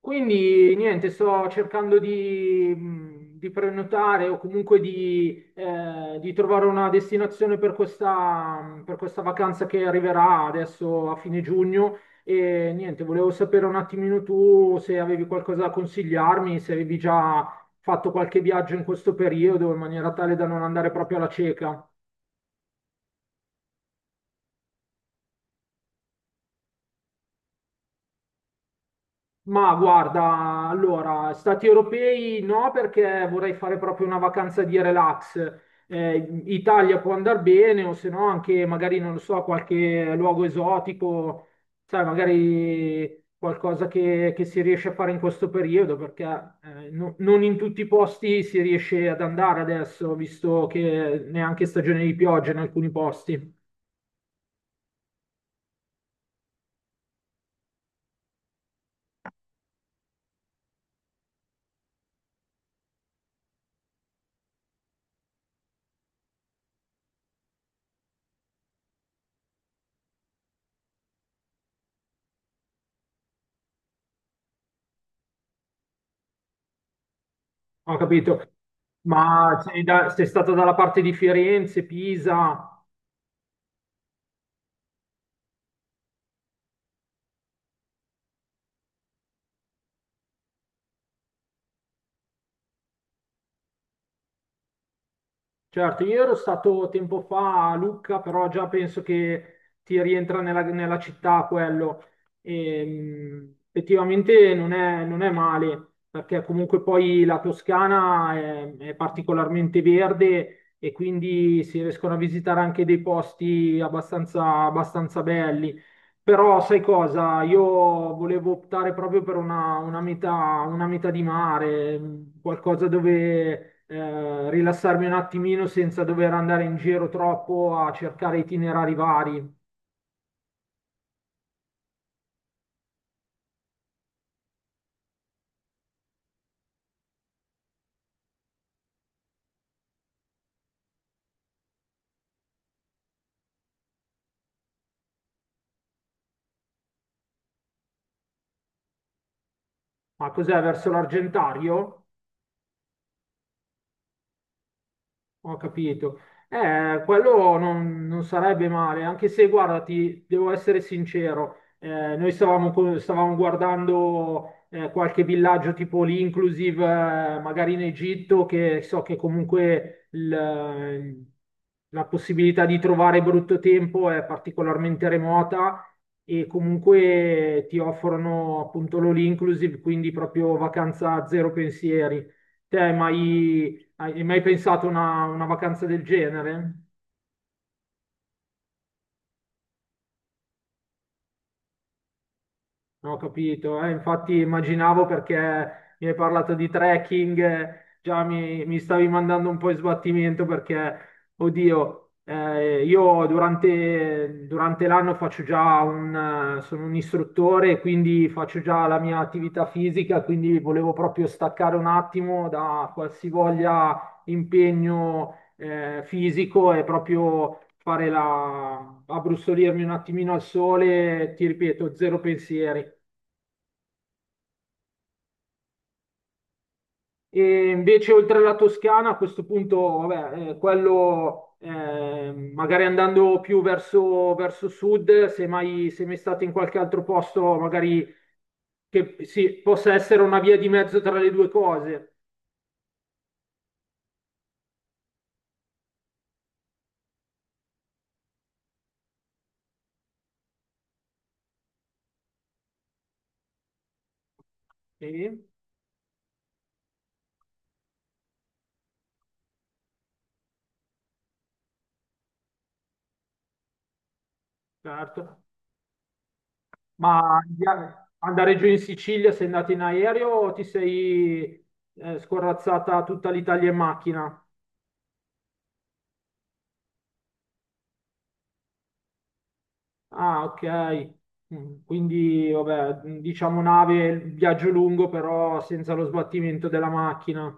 Quindi niente, sto cercando di prenotare o comunque di trovare una destinazione per questa vacanza che arriverà adesso a fine giugno. E niente, volevo sapere un attimino tu se avevi qualcosa da consigliarmi, se avevi già fatto qualche viaggio in questo periodo in maniera tale da non andare proprio alla cieca. Ma guarda, allora, stati europei no, perché vorrei fare proprio una vacanza di relax. Italia può andare bene, o se no anche magari, non lo so, qualche luogo esotico, sai, magari qualcosa che si riesce a fare in questo periodo, perché non in tutti i posti si riesce ad andare adesso, visto che neanche stagione di pioggia in alcuni posti. Ho capito. Ma sei stata dalla parte di Firenze, Pisa? Certo, io ero stato tempo fa a Lucca, però già penso che ti rientra nella città quello. E, effettivamente non è male, perché comunque poi la Toscana è particolarmente verde e quindi si riescono a visitare anche dei posti abbastanza belli. Però sai cosa? Io volevo optare proprio per una metà di mare, qualcosa dove rilassarmi un attimino senza dover andare in giro troppo a cercare itinerari vari. Ma cos'è verso l'Argentario? Ho capito. Quello non sarebbe male, anche se, guarda, ti devo essere sincero, noi stavamo guardando qualche villaggio tipo l'inclusive, magari in Egitto, che so che comunque la possibilità di trovare brutto tempo è particolarmente remota e comunque ti offrono appunto l'all inclusive, quindi proprio vacanza a zero pensieri. Te, hai mai pensato a una vacanza del genere? No, ho capito, infatti immaginavo perché mi hai parlato di trekking, già mi stavi mandando un po' in sbattimento perché, oddio, io durante l'anno faccio già sono un istruttore, quindi faccio già la mia attività fisica, quindi volevo proprio staccare un attimo da qualsivoglia impegno, fisico e proprio fare abbrustolirmi un attimino al sole, ti ripeto, zero pensieri. E invece, oltre la Toscana, a questo punto, vabbè, quello magari andando più verso sud, se mai state in qualche altro posto, magari che sì, possa essere una via di mezzo tra le due cose. Sì, certo. Ma andare giù in Sicilia, sei andato in aereo o ti sei scorrazzata tutta l'Italia in macchina? Ah, ok. Quindi, vabbè, diciamo nave, viaggio lungo, però senza lo sbattimento della macchina.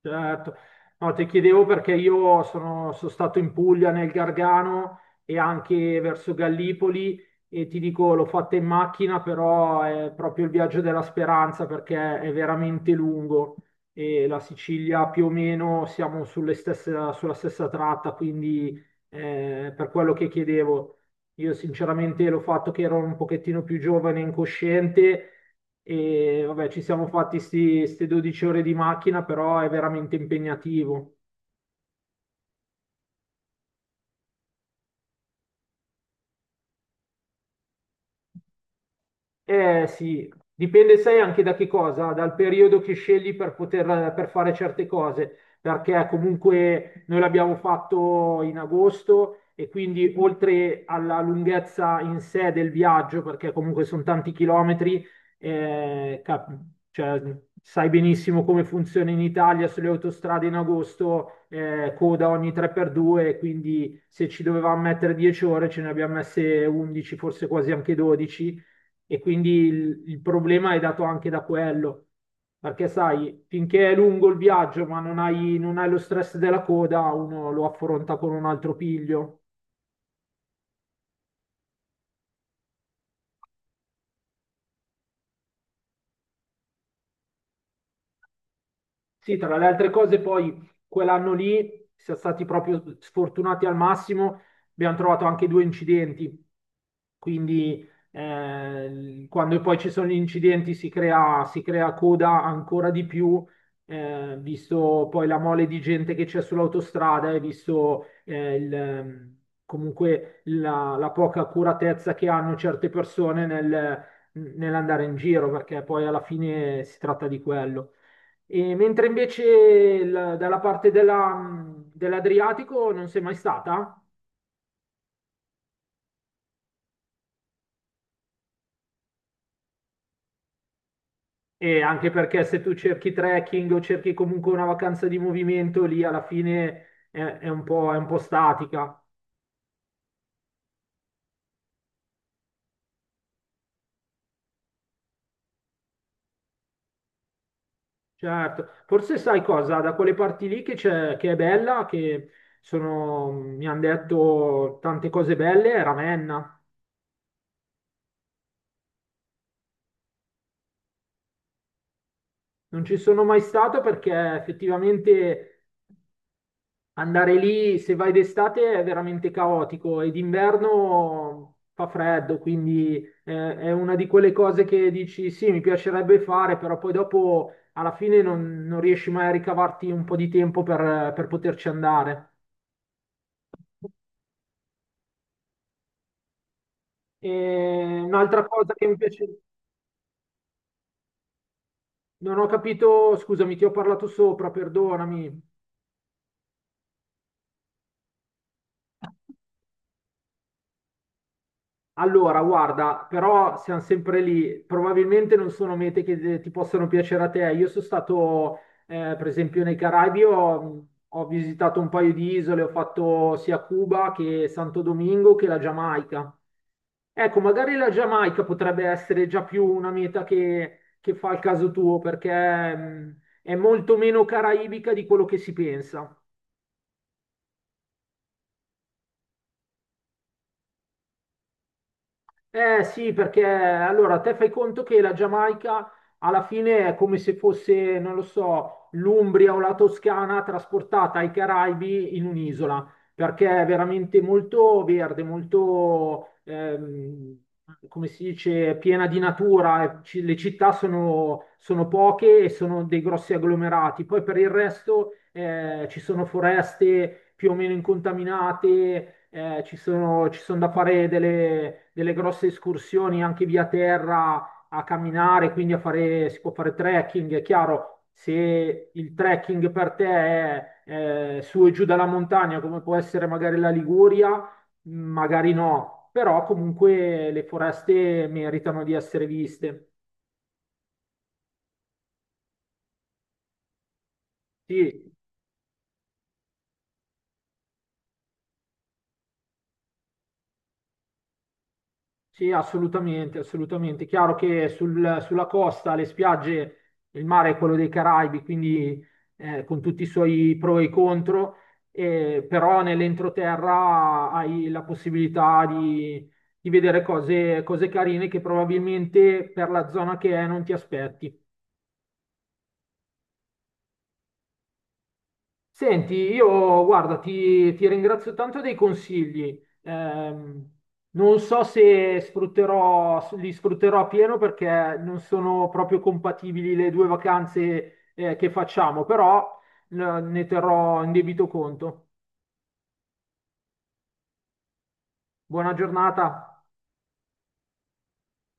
Certo. No, ti chiedevo perché io sono stato in Puglia, nel Gargano e anche verso Gallipoli e ti dico, l'ho fatta in macchina, però è proprio il viaggio della speranza perché è veramente lungo e la Sicilia più o meno siamo sulla stessa tratta, quindi per quello che chiedevo. Io sinceramente l'ho fatto che ero un pochettino più giovane, e incosciente e vabbè, ci siamo fatti queste 12 ore di macchina, però è veramente impegnativo. Eh sì, dipende sai anche da che cosa, dal periodo che scegli per poter per fare certe cose, perché comunque noi l'abbiamo fatto in agosto e quindi oltre alla lunghezza in sé del viaggio, perché comunque sono tanti chilometri, eh, cap- cioè, sai benissimo come funziona in Italia sulle autostrade in agosto, coda ogni 3x2, quindi se ci dovevamo mettere 10 ore ce ne abbiamo messe 11, forse quasi anche 12 e quindi il problema è dato anche da quello. Perché sai, finché è lungo il viaggio, ma non hai lo stress della coda, uno lo affronta con un altro piglio. Sì, tra le altre cose, poi quell'anno lì siamo stati proprio sfortunati al massimo, abbiamo trovato anche due incidenti, quindi quando poi ci sono gli incidenti si crea coda ancora di più, visto poi la mole di gente che c'è sull'autostrada e visto comunque la poca accuratezza che hanno certe persone nell'andare in giro, perché poi alla fine si tratta di quello. E mentre invece dalla parte dell'Adriatico non sei mai stata? E anche perché se tu cerchi trekking o cerchi comunque una vacanza di movimento, lì alla fine è un po' statica. Certo, forse sai cosa, da quelle parti lì che c'è, che è bella, che sono, mi hanno detto tante cose belle, è Ravenna. Non ci sono mai stato perché effettivamente andare lì, se vai d'estate, è veramente caotico e d'inverno fa freddo, quindi è una di quelle cose che dici sì, mi piacerebbe fare, però poi dopo alla fine non riesci mai a ricavarti un po' di tempo per poterci andare. E un'altra cosa che mi piace, non ho capito, scusami, ti ho parlato sopra, perdonami. Allora, guarda, però siamo sempre lì. Probabilmente non sono mete che ti possano piacere a te. Io sono stato, per esempio, nei Caraibi, ho visitato un paio di isole, ho fatto sia Cuba che Santo Domingo che la Giamaica. Ecco, magari la Giamaica potrebbe essere già più una meta che fa il caso tuo, perché è molto meno caraibica di quello che si pensa. Eh sì, perché allora te fai conto che la Giamaica alla fine è come se fosse, non lo so, l'Umbria o la Toscana trasportata ai Caraibi in un'isola perché è veramente molto verde, molto, come si dice, piena di natura. Le città sono poche e sono dei grossi agglomerati. Poi per il resto ci sono, foreste più o meno incontaminate, ci sono da fare delle grosse escursioni anche via terra a camminare, quindi si può fare trekking, è chiaro, se il trekking per te è su e giù dalla montagna, come può essere magari la Liguria, magari no, però comunque le foreste meritano di essere viste. Sì, sì, assolutamente, assolutamente. Chiaro che sulla costa, le spiagge, il mare è quello dei Caraibi, quindi con tutti i suoi pro e i contro, però nell'entroterra hai la possibilità di vedere cose carine che probabilmente per la zona che è non ti aspetti. Senti, io guarda, ti ringrazio tanto dei consigli. Non so se li sfrutterò a pieno perché non sono proprio compatibili le due vacanze, che facciamo, però, ne terrò in debito conto. Buona giornata.